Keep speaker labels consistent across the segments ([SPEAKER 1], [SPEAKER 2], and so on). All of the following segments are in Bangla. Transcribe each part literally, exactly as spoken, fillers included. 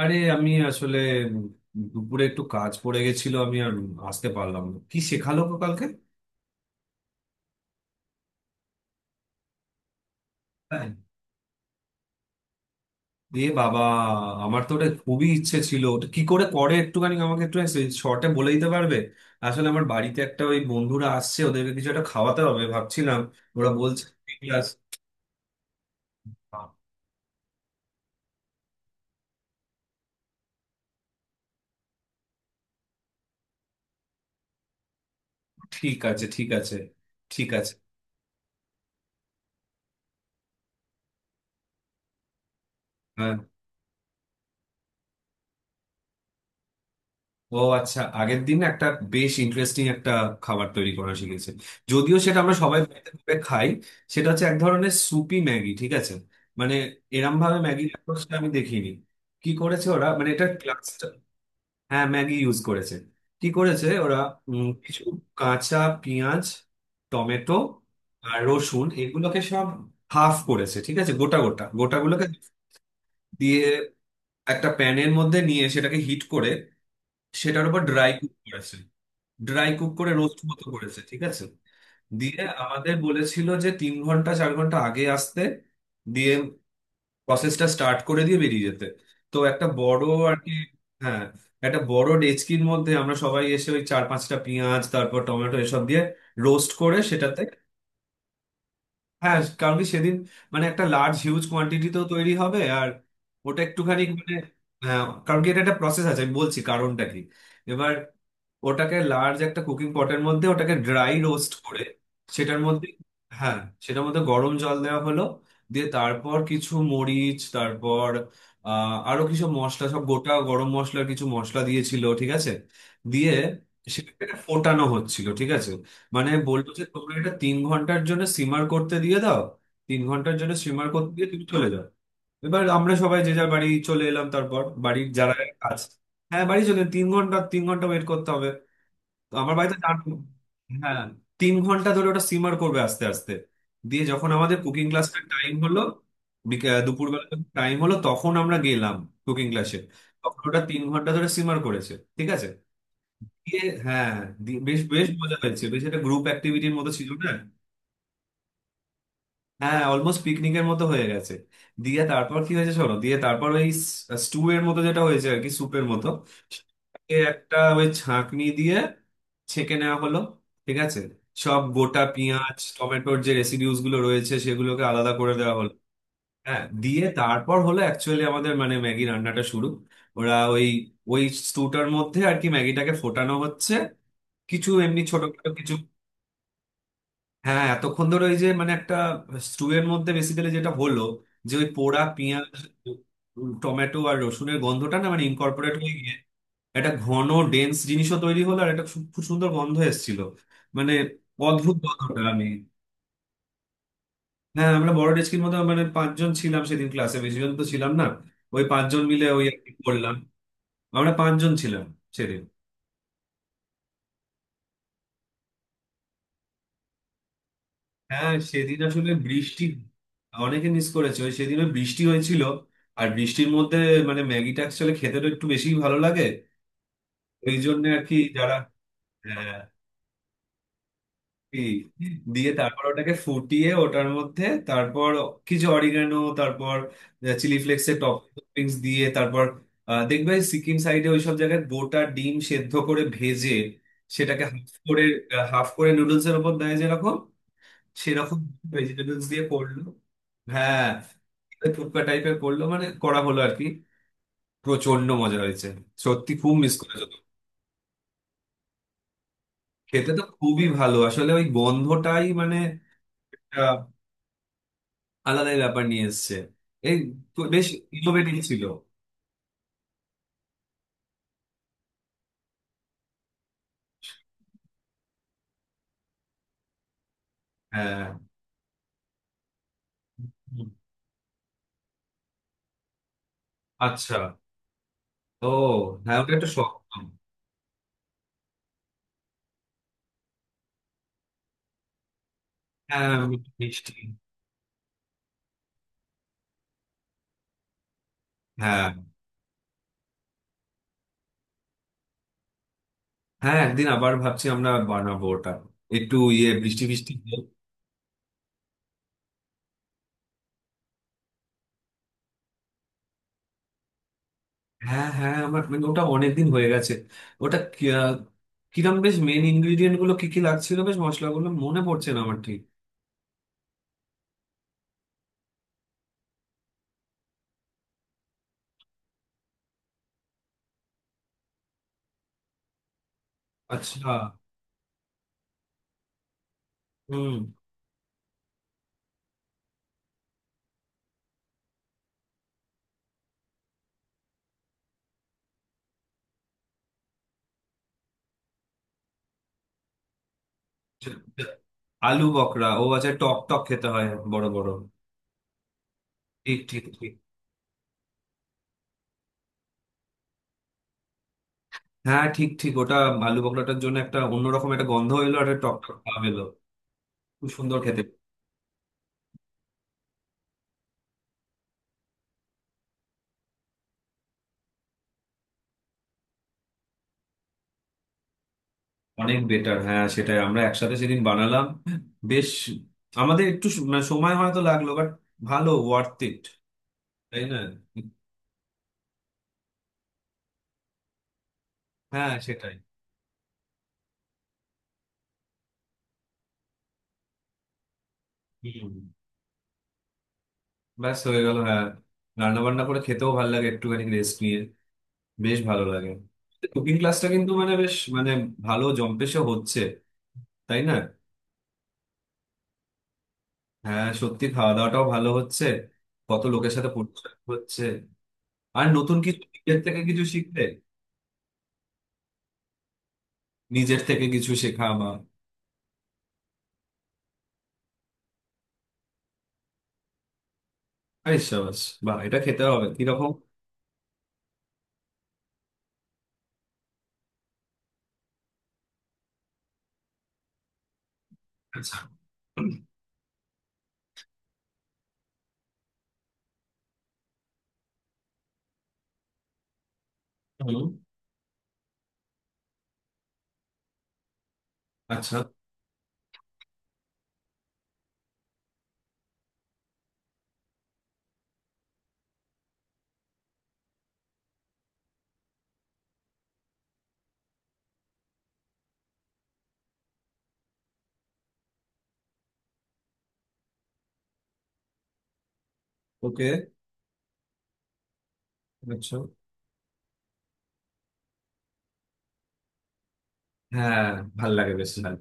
[SPEAKER 1] আরে আমি আসলে দুপুরে একটু কাজ পড়ে গেছিল, আমি আর আসতে পারলাম না। কি শেখালো গো কালকে? হ্যাঁ, এ বাবা, আমার তো ওটা খুবই ইচ্ছে ছিল। ওটা কি করে করে একটুখানি আমাকে একটু শর্টে বলে দিতে পারবে? আসলে আমার বাড়িতে একটা ওই বন্ধুরা আসছে, ওদেরকে কিছু একটা খাওয়াতে হবে ভাবছিলাম। ওরা বলছে ঠিক আছে ঠিক আছে, ঠিক আছে ঠিক আছে। হ্যাঁ, ও আচ্ছা, আগের দিন একটা বেশ ইন্টারেস্টিং একটা খাবার তৈরি করা শিখেছে, যদিও সেটা আমরা সবাই বাড়িতে করে খাই। সেটা হচ্ছে এক ধরনের সুপি ম্যাগি, ঠিক আছে, মানে এরম ভাবে ম্যাগি সেটা আমি দেখিনি। কি করেছে ওরা, মানে এটা ক্লাস্টার। হ্যাঁ, ম্যাগি ইউজ করেছে। কি করেছে ওরা, উম, কিছু কাঁচা পেঁয়াজ, টমেটো আর রসুন, এগুলোকে সব হাফ করেছে, ঠিক আছে, গোটা গোটা গোটাগুলোকে দিয়ে একটা প্যানের মধ্যে নিয়ে সেটাকে হিট করে, সেটার উপর ড্রাই কুক করেছে। ড্রাই কুক করে রোস্ট মতো করেছে, ঠিক আছে। দিয়ে আমাদের বলেছিল যে তিন ঘন্টা চার ঘন্টা আগে আসতে, দিয়ে প্রসেসটা স্টার্ট করে দিয়ে বেরিয়ে যেতে। তো একটা বড় আর কি। হ্যাঁ, একটা বড় ডেচকির মধ্যে আমরা সবাই এসে ওই চার পাঁচটা পেঁয়াজ, তারপর টমেটো, এসব দিয়ে রোস্ট করে সেটাতে। হ্যাঁ, কারণ কি সেদিন মানে একটা লার্জ হিউজ কোয়ান্টিটিতেও তৈরি হবে আর ওটা একটুখানি মানে। হ্যাঁ, কারণ কি এটা একটা প্রসেস আছে আমি বলছি কারণটা কি। এবার ওটাকে লার্জ একটা কুকিং পটের মধ্যে ওটাকে ড্রাই রোস্ট করে, সেটার মধ্যে, হ্যাঁ, সেটার মধ্যে গরম জল দেওয়া হলো। দিয়ে তারপর কিছু মরিচ, তারপর আহ আরো কিছু মশলা, সব গোটা গরম মশলার কিছু মশলা দিয়েছিল, ঠিক আছে। দিয়ে সেটাকে ফোটানো হচ্ছিল, ঠিক আছে। মানে বললো যে তোমরা এটা তিন ঘন্টার জন্য সিমার করতে দিয়ে দাও, তিন ঘন্টার জন্য সিমার করতে দিয়ে তুমি চলে যাও। এবার আমরা সবাই যে যার বাড়ি চলে এলাম, তারপর বাড়ির যারা কাজ। হ্যাঁ, বাড়ি চলে, তিন ঘন্টা তিন ঘন্টা ওয়েট করতে হবে। তো আমার বাড়িতে জানতো। হ্যাঁ, তিন ঘন্টা ধরে ওটা সিমার করবে আস্তে আস্তে। দিয়ে যখন আমাদের কুকিং ক্লাসটা টাইম হলো, বিকে- দুপুরবেলা টাইম হলো, তখন আমরা গেলাম কুকিং ক্লাসে। তখন ওটা তিন ঘন্টা ধরে সিমার করেছে, ঠিক আছে। দিয়ে, হ্যাঁ, দি- বেশ বেশ মজা হয়েছে, বেশ একটা গ্রুপ অ্যাক্টিভিটির মতো ছিল না। হ্যাঁ, অলমোস্ট পিকনিকের মতো হয়ে গেছে। দিয়ে তারপর কি হয়েছে শোনো, দিয়ে তারপর ওই স্টু এর মতো যেটা হয়েছে আর কি, স্যুপের মতো। সেটাকে একটা ওই ছাঁকনি দিয়ে ছেঁকে নেওয়া হলো, ঠিক আছে। সব গোটা পেঁয়াজ টমেটোর যে রেসিডিউস গুলো রয়েছে সেগুলোকে আলাদা করে দেওয়া হলো। হ্যাঁ, দিয়ে তারপর হলো অ্যাকচুয়ালি আমাদের মানে ম্যাগি রান্নাটা শুরু। ওরা ওই ওই স্টুটার মধ্যে আর কি ম্যাগিটাকে ফোটানো হচ্ছে, কিছু এমনি ছোটখাটো কিছু। হ্যাঁ, এতক্ষণ ধরে ওই যে মানে একটা স্টুয়ের মধ্যে বেসিক্যালি যেটা হলো, যে ওই পোড়া পেঁয়াজ টমেটো আর রসুনের গন্ধটা না মানে ইনকর্পোরেট হয়ে গিয়ে একটা ঘন ডেন্স জিনিসও তৈরি হলো, আর একটা খুব খুব সুন্দর গন্ধ এসেছিল, মানে অদ্ভুত গন্ধটা আমি। হ্যাঁ, আমরা বড় ডেস্কির মতো, মানে পাঁচজন ছিলাম সেদিন ক্লাসে, বেশি জন তো ছিলাম না। ওই পাঁচজন মিলে ওই আর কি করলাম। আমরা পাঁচজন ছিলাম সেদিন। হ্যাঁ, সেদিন আসলে বৃষ্টি, অনেকে মিস করেছে, ওই সেদিনও বৃষ্টি হয়েছিল। আর বৃষ্টির মধ্যে মানে ম্যাগিটা অ্যাকচুয়ালি খেতে তো একটু বেশি ভালো লাগে, ওই জন্য আর কি যারা। হ্যাঁ, কি, দিয়ে তারপর ওটাকে ফুটিয়ে ওটার মধ্যে, তারপর কিছু অরিগানো, তারপর চিলি ফ্লেক্সের টপিংস দিয়ে, তারপর আহ, দেখবে সিকিম সাইডে ওইসব জায়গায় গোটা ডিম সেদ্ধ করে ভেজে সেটাকে হাফ করে, হাফ করে নুডলস এর উপর দেয় যেরকম, সেরকম ভেজিটেবলস দিয়ে করলো। হ্যাঁ, ফুটকা টাইপের করলো মানে করা হলো আর কি। প্রচন্ড মজা হয়েছে। সত্যি খুব মিস করেছো তো। খেতে তো খুবই ভালো, আসলে ওই গন্ধটাই মানে একটা আলাদাই ব্যাপার নিয়ে এসছে। এই তো বেশ ইনোভেটিভ ছিল। হ্যাঁ। হুম। আচ্ছা। ও। হ্যাঁ, ওটা একটা শখ। হ্যাঁ, মিষ্টি। হ্যাঁ, হ্যাঁ, একদিন আবার ভাবছি আমরা বানাবো ওটা, একটু ইয়ে, বৃষ্টি বৃষ্টি। হ্যাঁ হ্যাঁ, আমার মানে ওটা অনেকদিন হয়ে গেছে। ওটা কি- আহ, কিরম বেশ মেন ইনগ্রিডিয়েন্ট গুলো কি কি লাগছিল, বেশ মশলাগুলো মনে পড়ছে না আমার ঠিক। আচ্ছা। হুম। আচ্ছা, আচ্ছা। আলু বকরা, ও আচ্ছা, টক টক খেতে হয়, বড় বড়। ঠিক ঠিক ঠিক। হ্যাঁ, ঠিক ঠিক, ওটা আলু বকরাটার জন্য একটা অন্যরকম একটা গন্ধ এলো আর একটা টক টক ভাব এলো, খুব সুন্দর খেতে। অনেক বেটার, হ্যাঁ সেটাই আমরা একসাথে সেদিন বানালাম, বেশ। আমাদের একটু স- মানে সময় হয়তো লাগলো, বাট ভালো, ওয়ার্থ ইট, তাই না। হ্যাঁ সেটাই। হুম। ব্যাস হয়ে গেল, হ্যাঁ। রান্না বান্না করে খেতেও ভালো লাগে একটুখানি রেস্ট নিয়ে, বেশ ভালো লাগে। কুকিং ক্লাসটা কিন্তু মানে বেশ মানে ভালো জম্পেশে হচ্ছে, তাই না। হ্যাঁ সত্যি খাওয়া দাওয়াটাও ভালো হচ্ছে, কত লোকের সাথে পরিচয় হচ্ছে, আর নতুন কিছু নিজের থেকে কিছু শিখলে, নিজের থেকে কিছু শেখা আমার। আরে সাবাস, বাহ, এটা খেতে হবে কিরকম। আচ্ছা। হুম, আচ্ছা। ওকে। আচ্ছা। হ্যাঁ, ভাল লাগে, বেশ ভালো।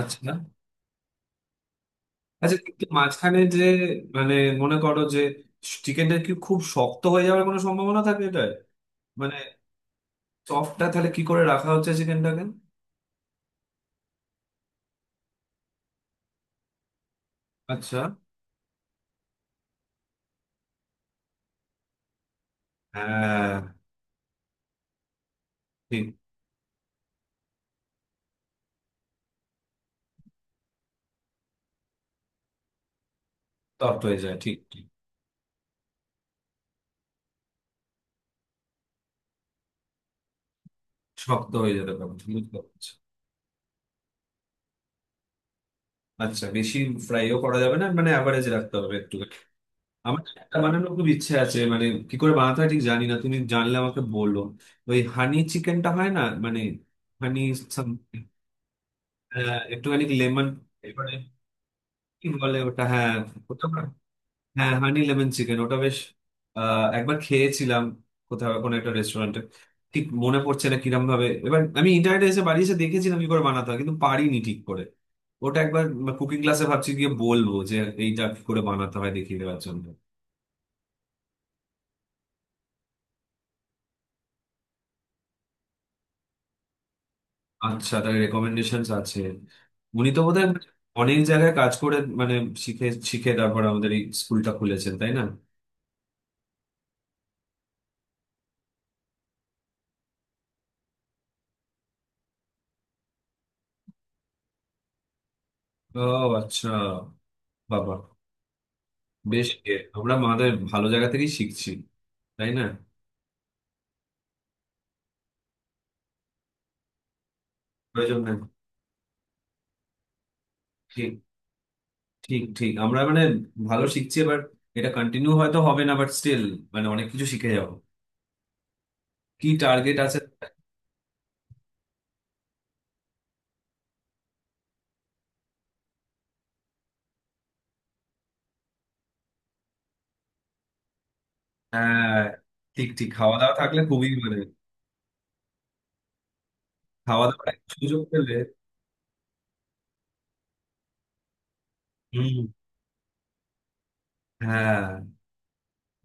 [SPEAKER 1] আচ্ছা, আচ্ছা, কিন্তু মাঝখানে যে মানে মনে করো যে চিকেনটা কি খুব শক্ত হয়ে যাওয়ার কোনো সম্ভাবনা থাকে এটা মানে? সফটটা তাহলে কি করে রাখা হচ্ছে চিকেনটাকে? আচ্ছা। হ্যাঁ, ঠিক। তপ্ত হয়ে যায়, ঠিক ঠিক। শক্ত হয়ে যেতে পারে, বুঝতে পারছি। আচ্ছা, বেশি ফ্রাইও করা যাবে না মানে, অ্যাভারেজ রাখতে হবে একটু। আমার একটা বানানোর খুব ইচ্ছে আছে মানে, কি করে বানাতে হয় ঠিক জানি না, তুমি জানলে আমাকে বলো। ওই হানি চিকেনটা হয় না মানে, হানি সাম- আহ, একটুখানি লেমন, কি বলে ওটা, হ্যাঁ ওটা, হ্যাঁ হানি লেমন চিকেন, ওটা বেশ, আহ, একবার খেয়েছিলাম কোথাও কোনো একটা রেস্টুরেন্টে। ঠিক মনে পড়ছে না কিরম ভাবে, এবার আমি ইন্টারনেটে এসে বাড়ি এসে দেখেছিলাম কি করে বানাতে হয়, কিন্তু পারিনি ঠিক করে। ওটা একবার কুকিং ক্লাসে ভাবছি গিয়ে বলবো যে এইটা কি করে বানাতে হয় দেখিয়ে দেওয়ার জন্য। আচ্ছা, তার রেকমেন্ডেশন আছে। উনি তো বোধহয় অনেক জায়গায় কাজ করে মানে শিখে শিখে তারপর আমাদের এই স্কুলটা খুলেছেন, তাই না। ও আচ্ছা, বাবা, বেশ, এ, আমরা আমাদের ভালো জায়গা থেকেই শিখছি, তাই না। প্রয়োজন নেই। ঠিক ঠিক ঠিক, আমরা মানে ভালো শিখছি। এবার এটা কন্টিনিউ হয়তো হবে না বাট স্টিল মানে অনেক কিছু শিখে যাবো। কি টার্গেট আছে। হ্যাঁ, ঠিক ঠিক, খাওয়া দাওয়া থাকলে খুবই মানে, খাওয়া দাওয়ার একটা সুযোগ পেলে। হুম। হ্যাঁ,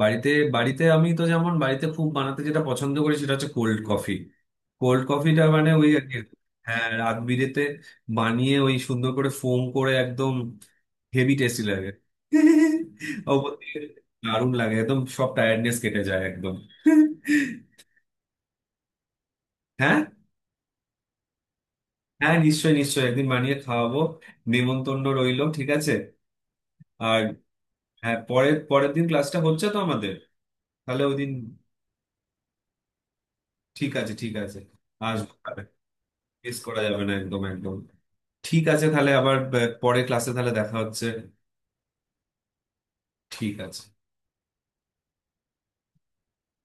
[SPEAKER 1] বাড়িতে, বাড়িতে আমি তো, যেমন বাড়িতে খুব বানাতে যেটা পছন্দ করি সেটা হচ্ছে কোল্ড কফি। কোল্ড কফিটা মানে ওই আর কি, হ্যাঁ, রাত বিরেতে বানিয়ে ওই সুন্দর করে ফোম করে একদম, হেভি টেস্টি লাগে। অপর দিকে দারুণ লাগে, একদম সব টায়ার্ডনেস কেটে যায় একদম। হ্যাঁ, হ্যাঁ, নিশ্চয়ই নিশ্চয়ই, একদিন বানিয়ে খাওয়াবো, নেমন্তন্ন রইলো, ঠিক আছে। আর, হ্যাঁ, পরের পরের দিন ক্লাসটা হচ্ছে তো আমাদের, তাহলে ওই দিন। ঠিক আছে ঠিক আছে, আসবো তাহলে। মিস করা যাবে না, একদম একদম। ঠিক আছে, তাহলে আবার আহ, পরের ক্লাসে তাহলে দেখা হচ্ছে। ঠিক আছে।